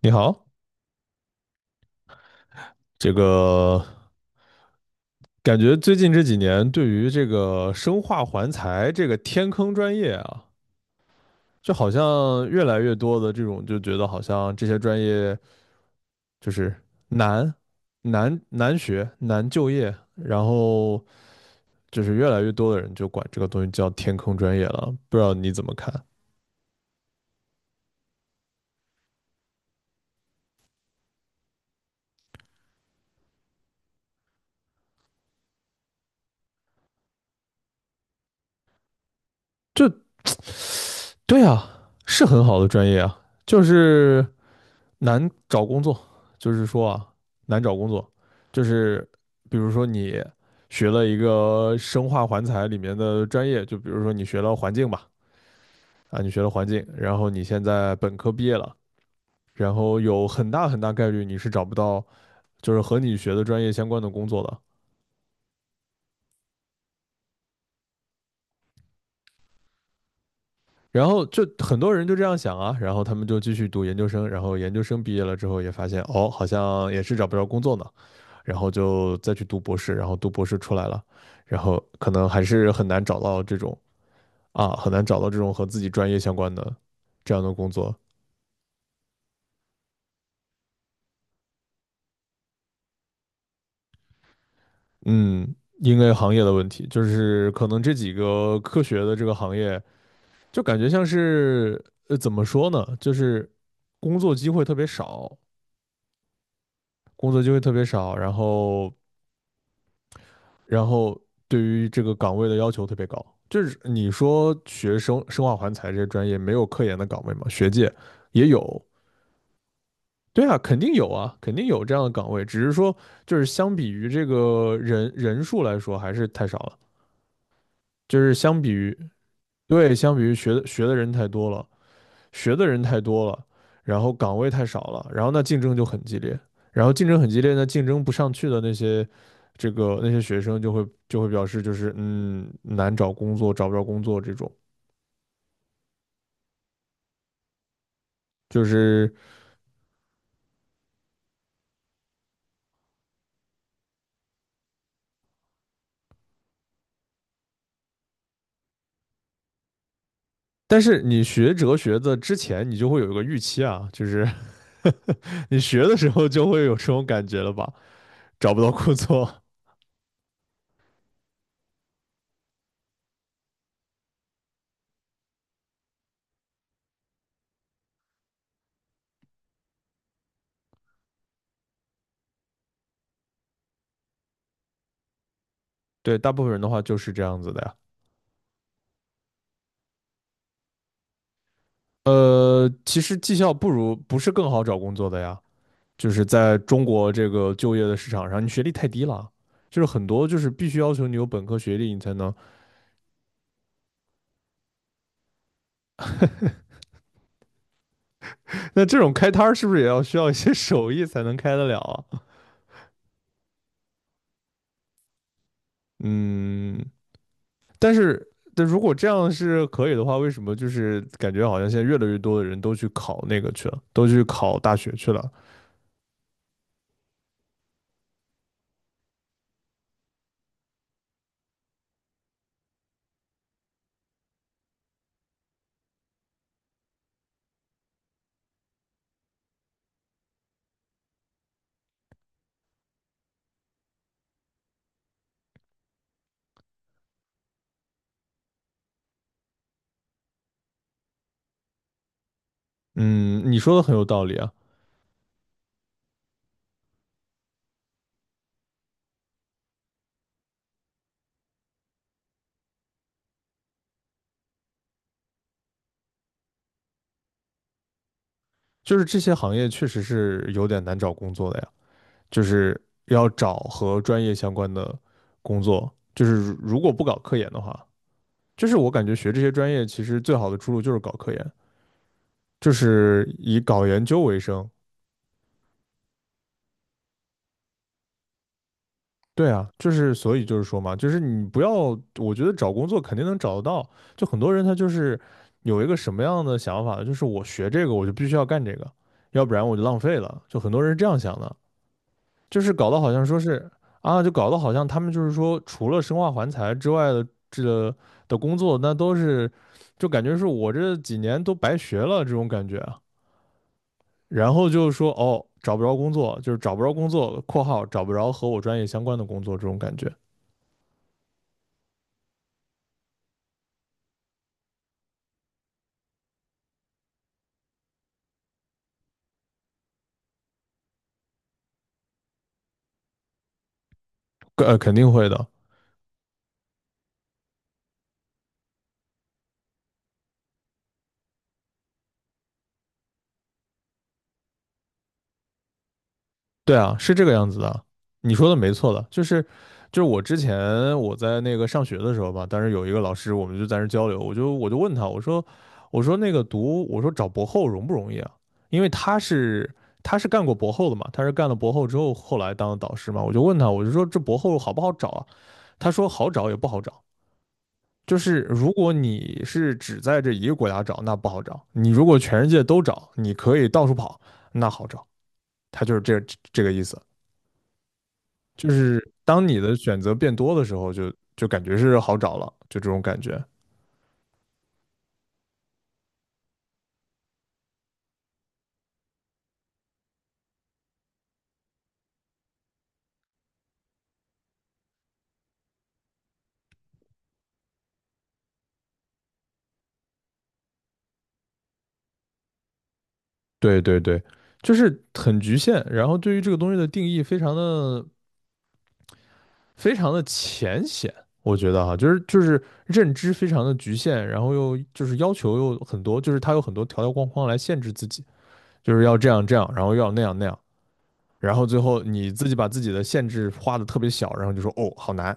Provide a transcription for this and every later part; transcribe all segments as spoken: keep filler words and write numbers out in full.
你好，这个感觉最近这几年对于这个生化环材这个天坑专业啊，就好像越来越多的这种就觉得好像这些专业就是难难难学难就业，然后就是越来越多的人就管这个东西叫天坑专业了，不知道你怎么看？就对啊，是很好的专业啊，就是。难找工作，就是说啊，难找工作，就是比如说你学了一个生化环材里面的专业，就比如说你学了环境吧，啊，你学了环境，然后你现在本科毕业了，然后有很大很大概率你是找不到就是和你学的专业相关的工作的。然后就很多人就这样想啊，然后他们就继续读研究生，然后研究生毕业了之后也发现，哦，好像也是找不着工作呢，然后就再去读博士，然后读博士出来了，然后可能还是很难找到这种啊，很难找到这种和自己专业相关的这样的工作。嗯，因为行业的问题，就是可能这几个科学的这个行业，就感觉像是呃怎么说呢，就是工作机会特别少，工作机会特别少，然后然后对于这个岗位的要求特别高。就是你说学生生化环材这些专业没有科研的岗位吗？学界也有，对啊，肯定有啊，肯定有这样的岗位，只是说就是相比于这个人人数来说还是太少了，就是相比于对，相比于学的学的人太多了，学的人太多了，然后岗位太少了，然后那竞争就很激烈，然后竞争很激烈那竞争不上去的那些这个那些学生就会就会表示就是嗯难找工作，找不着工作这种，就是但是你学哲学的之前，你就会有一个预期啊，就是 你学的时候就会有这种感觉了吧？找不到工作，对，大部分人的话就是这样子的呀。呃，其实技校不如不是更好找工作的呀，就是在中国这个就业的市场上，你学历太低了，就是很多就是必须要求你有本科学历你才能。那这种开摊儿是不是也要需要一些手艺才能开得了啊？嗯，但是，但如果这样是可以的话，为什么就是感觉好像现在越来越多的人都去考那个去了，都去考大学去了？嗯，你说的很有道理啊，就是这些行业确实是有点难找工作的呀，就是要找和专业相关的工作，就是如如果不搞科研的话，就是我感觉学这些专业其实最好的出路就是搞科研，就是以搞研究为生，对啊，就是所以就是说嘛，就是你不要，我觉得找工作肯定能找得到。就很多人他就是有一个什么样的想法呢？就是我学这个我就必须要干这个，要不然我就浪费了。就很多人是这样想的，就是搞得好像说是啊，就搞得好像他们就是说除了生化环材之外的这个的工作，那都是就感觉是我这几年都白学了这种感觉啊。然后就是说哦，找不着工作，就是找不着工作（括号找不着和我专业相关的工作）这种感觉。呃，肯定会的，对啊，是这个样子的，你说的没错的，就是就是我之前我在那个上学的时候吧，当时有一个老师，我们就在那儿交流，我就我就问他，我说我说那个读我说找博后容不容易啊？因为他是他是干过博后的嘛，他是干了博后之后后来当的导师嘛，我就问他，我就说这博后好不好找啊？他说好找也不好找，就是如果你是只在这一个国家找，那不好找；你如果全世界都找，你可以到处跑，那好找。它就是这这个意思，就是当你的选择变多的时候就，就就感觉是好找了，就这种感觉。对对对，就是很局限，然后对于这个东西的定义非常的非常的浅显，我觉得哈，就是就是认知非常的局限，然后又就是要求又很多，就是它有很多条条框框来限制自己，就是要这样这样，然后要那样那样，然后最后你自己把自己的限制画的特别小，然后就说哦好难，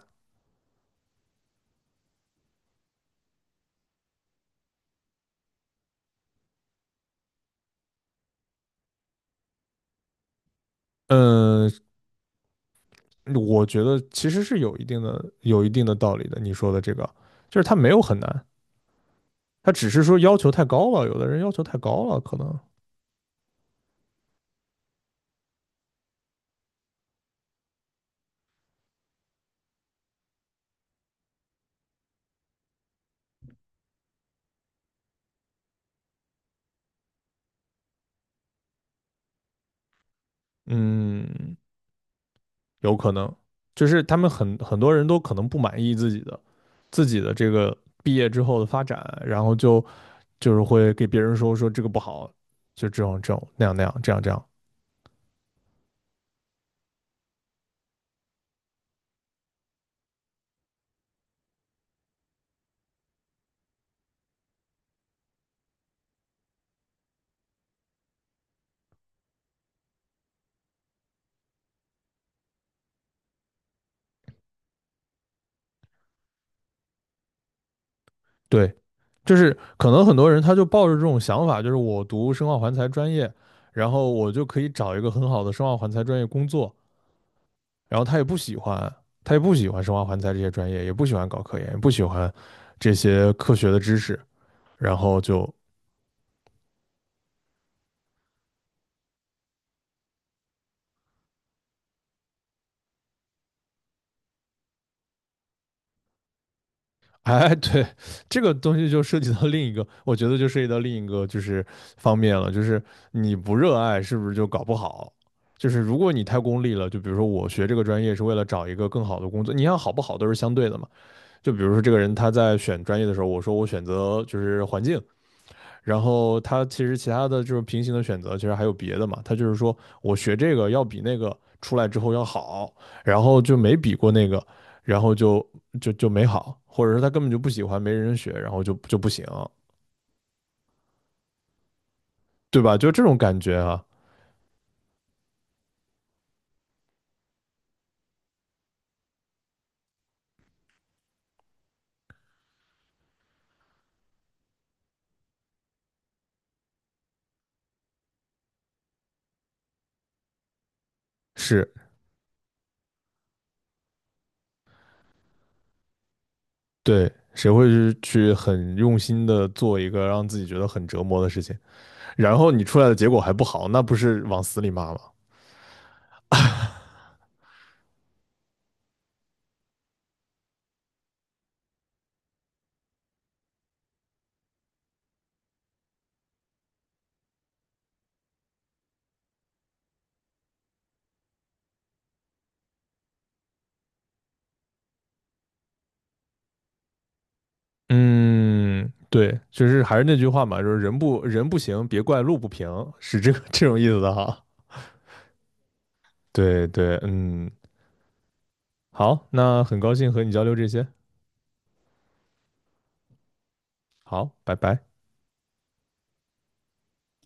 嗯，我觉得其实是有一定的有一定的道理的。你说的这个，就是他没有很难，他只是说要求太高了，有的人要求太高了，可能，嗯，有可能，就是他们很很多人都可能不满意自己的自己的这个毕业之后的发展，然后就就是会给别人说说这个不好，就这种这种那样那样这样这样，对，就是可能很多人他就抱着这种想法，就是我读生化环材专业。然后我就可以找一个很好的生化环材专业工作，然后他也不喜欢，他也不喜欢生化环材这些专业，也不喜欢搞科研，也不喜欢这些科学的知识，然后就。哎，对，这个东西就涉及到另一个，我觉得就涉及到另一个就是方面了，就是你不热爱是不是就搞不好？就是如果你太功利了，就比如说我学这个专业是为了找一个更好的工作，你想好不好都是相对的嘛。就比如说这个人他在选专业的时候，我说我选择就是环境，然后他其实其他的就是平行的选择，其实还有别的嘛。他就是说我学这个要比那个出来之后要好，然后就没比过那个，然后就就就没好，或者是他根本就不喜欢，没人学，然后就就不行，对吧？就这种感觉啊，是对。谁会去去很用心的做一个让自己觉得很折磨的事情，然后你出来的结果还不好，那不是往死里骂吗？嗯，对，就是还是那句话嘛，就是人不人不行，别怪路不平，是这个 这种意思的哈。对对，嗯，好，那很高兴和你交流这些，好，拜拜。